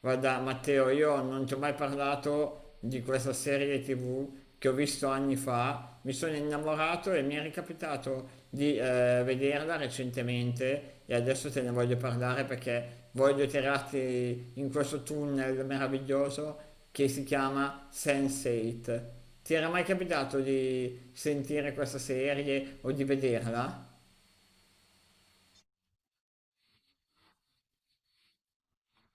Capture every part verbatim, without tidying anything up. Guarda, Matteo, io non ti ho mai parlato di questa serie ti vu che ho visto anni fa, mi sono innamorato e mi è ricapitato di eh, vederla recentemente e adesso te ne voglio parlare perché voglio tirarti in questo tunnel meraviglioso che si chiama sense eight. Ti era mai capitato di sentire questa serie o di vederla?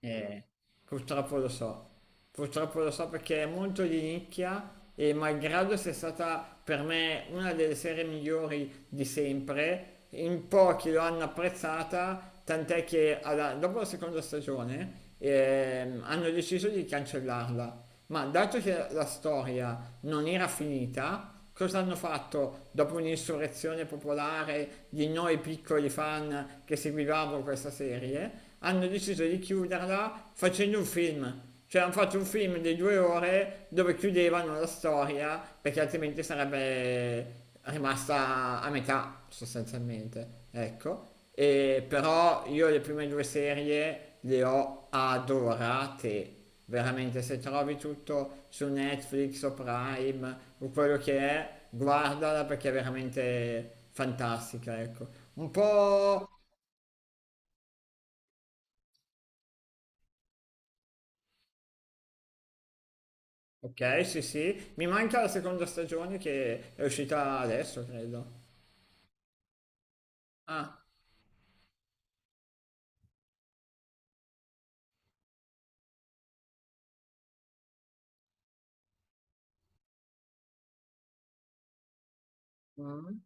Eh, Purtroppo lo so, purtroppo lo so perché è molto di nicchia e malgrado sia stata per me una delle serie migliori di sempre, in pochi lo hanno apprezzata, tant'è che alla- dopo la seconda stagione ehm, hanno deciso di cancellarla. Ma dato che la storia non era finita, cosa hanno fatto dopo un'insurrezione popolare di noi piccoli fan che seguivamo questa serie? Hanno deciso di chiuderla facendo un film. Cioè hanno fatto un film di due ore dove chiudevano la storia perché altrimenti sarebbe rimasta a metà sostanzialmente. Ecco. E però io le prime due serie le ho adorate. Veramente, se trovi tutto su Netflix o Prime o quello che è, guardala perché è veramente fantastica, ecco. Un po'... Ok, sì, sì. Mi manca la seconda stagione che è uscita adesso, credo. Ah. Mm.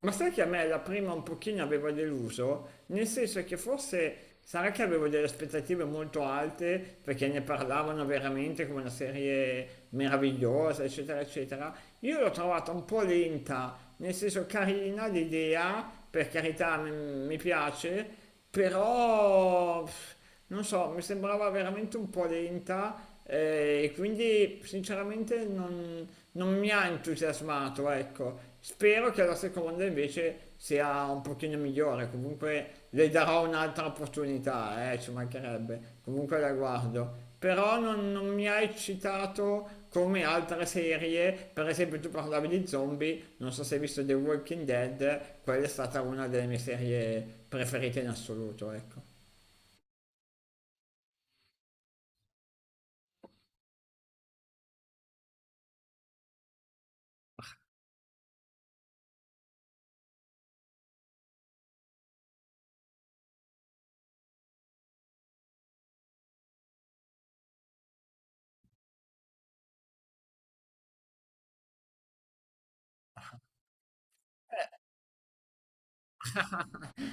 Ma sai che a me la prima un pochino aveva deluso? Nel senso che forse sarà che avevo delle aspettative molto alte perché ne parlavano veramente come una serie meravigliosa, eccetera, eccetera. Io l'ho trovata un po' lenta, nel senso carina l'idea, per carità, m- mi piace, però pff, non so, mi sembrava veramente un po' lenta eh, e quindi sinceramente non, non mi ha entusiasmato, ecco. Spero che la seconda invece sia un pochino migliore, comunque le darò un'altra opportunità, eh, ci mancherebbe, comunque la guardo. Però non, non mi ha eccitato come altre serie, per esempio tu parlavi di zombie, non so se hai visto The Walking Dead, quella è stata una delle mie serie preferite in assoluto, ecco.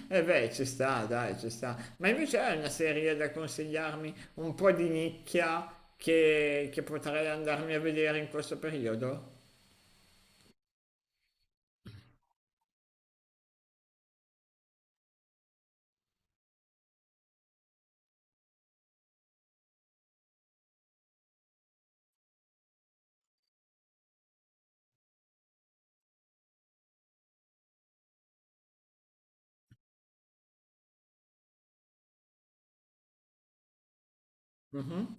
E Eh beh, ci sta, dai, ci sta. Ma invece hai una serie da consigliarmi un po' di nicchia che, che potrei andarmi a vedere in questo periodo? Mhm.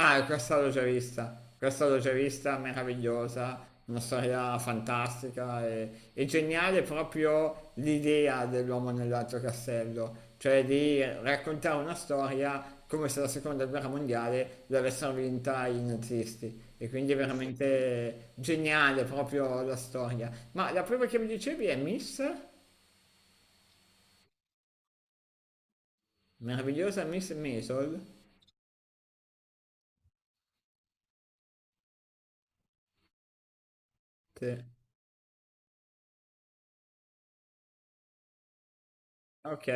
Ah, questa l'ho già vista, questa l'ho già vista, meravigliosa, una storia fantastica e, e geniale proprio l'idea dell'uomo nell'altro castello, cioè di raccontare una storia come se la seconda guerra mondiale l'avessero vinta i nazisti. E quindi è veramente geniale proprio la storia. Ma la prima che mi dicevi è Miss? Meravigliosa Miss Maisel? Sì. Ok,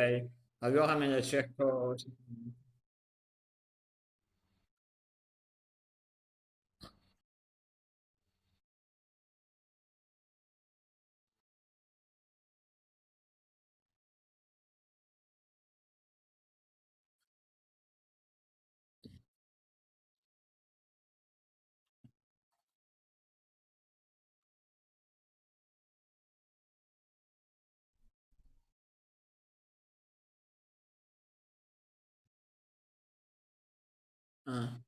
allora me la cerco. Ah.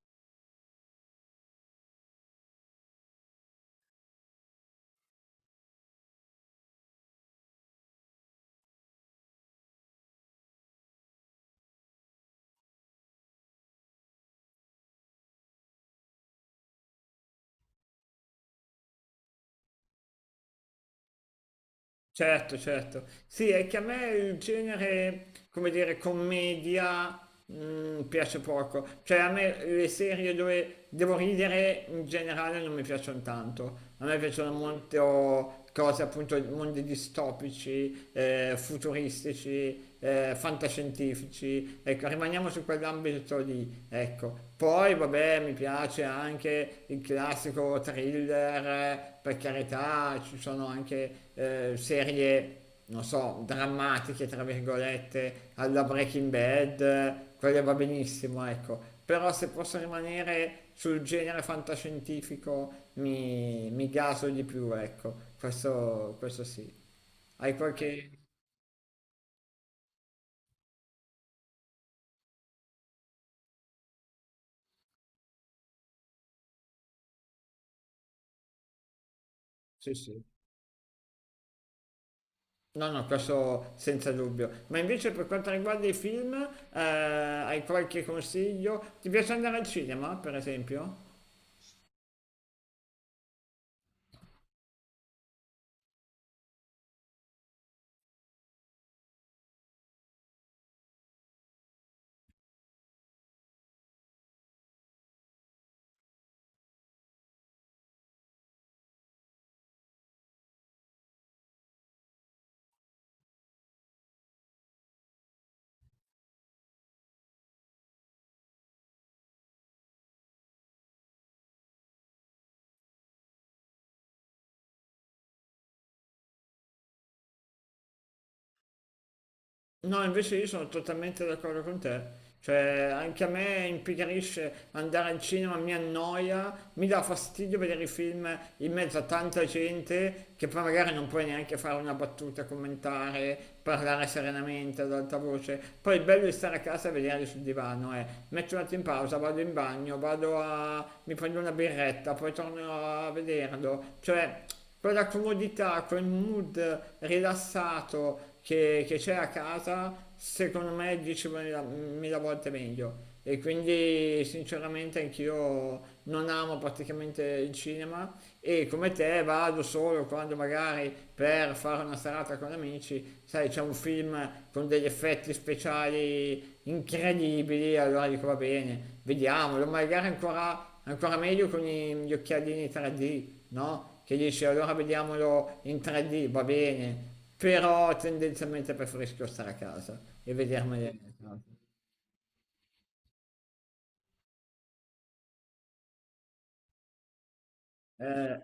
Certo, certo. Sì, è che a me il genere, come dire, commedia mm, piace poco. Cioè a me le serie dove devo ridere in generale non mi piacciono tanto. A me piacciono molto cose appunto mondi distopici, eh, futuristici, eh, fantascientifici. Ecco, rimaniamo su quell'ambito lì, ecco. Poi vabbè, mi piace anche il classico thriller, per carità, ci sono anche eh, serie, non so, drammatiche, tra virgolette, alla Breaking Bad, eh, quelle va benissimo, ecco. Però se posso rimanere sul genere fantascientifico mi, mi gaso di più, ecco. Questo, questo sì. Hai qualche... Sì, sì. No, no, questo senza dubbio. Ma invece per quanto riguarda i film, eh, hai qualche consiglio? Ti piace andare al cinema, per esempio? No, invece io sono totalmente d'accordo con te. Cioè, anche a me impigrisce andare al cinema, mi annoia, mi dà fastidio vedere i film in mezzo a tanta gente che poi magari non puoi neanche fare una battuta, commentare, parlare serenamente ad alta voce. Poi il bello di stare a casa e vederli sul divano è metto un attimo in pausa, vado in bagno, vado a... mi prendo una birretta, poi torno a vederlo. Cioè quella comodità, quel mood rilassato che, che c'è a casa, secondo me è diecimila volte meglio. E quindi sinceramente anch'io non amo praticamente il cinema e come te vado solo quando magari per fare una serata con amici, sai, c'è un film con degli effetti speciali incredibili, allora dico va bene, vediamolo, magari ancora, ancora meglio con gli occhialini tre D, no? Che dici allora vediamolo in tre D, va bene, però tendenzialmente preferisco stare a casa e vedermeli. Eh,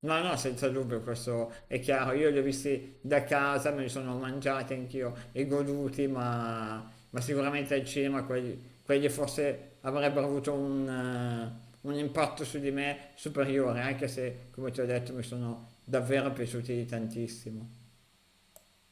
no, no, senza dubbio, questo è chiaro. Io li ho visti da casa, me li sono mangiati anch'io e goduti, ma, ma sicuramente al cinema quelli, quelli forse avrebbero avuto un, eh, un impatto su di me superiore, anche se, come ti ho detto, mi sono davvero piaciuti tantissimo.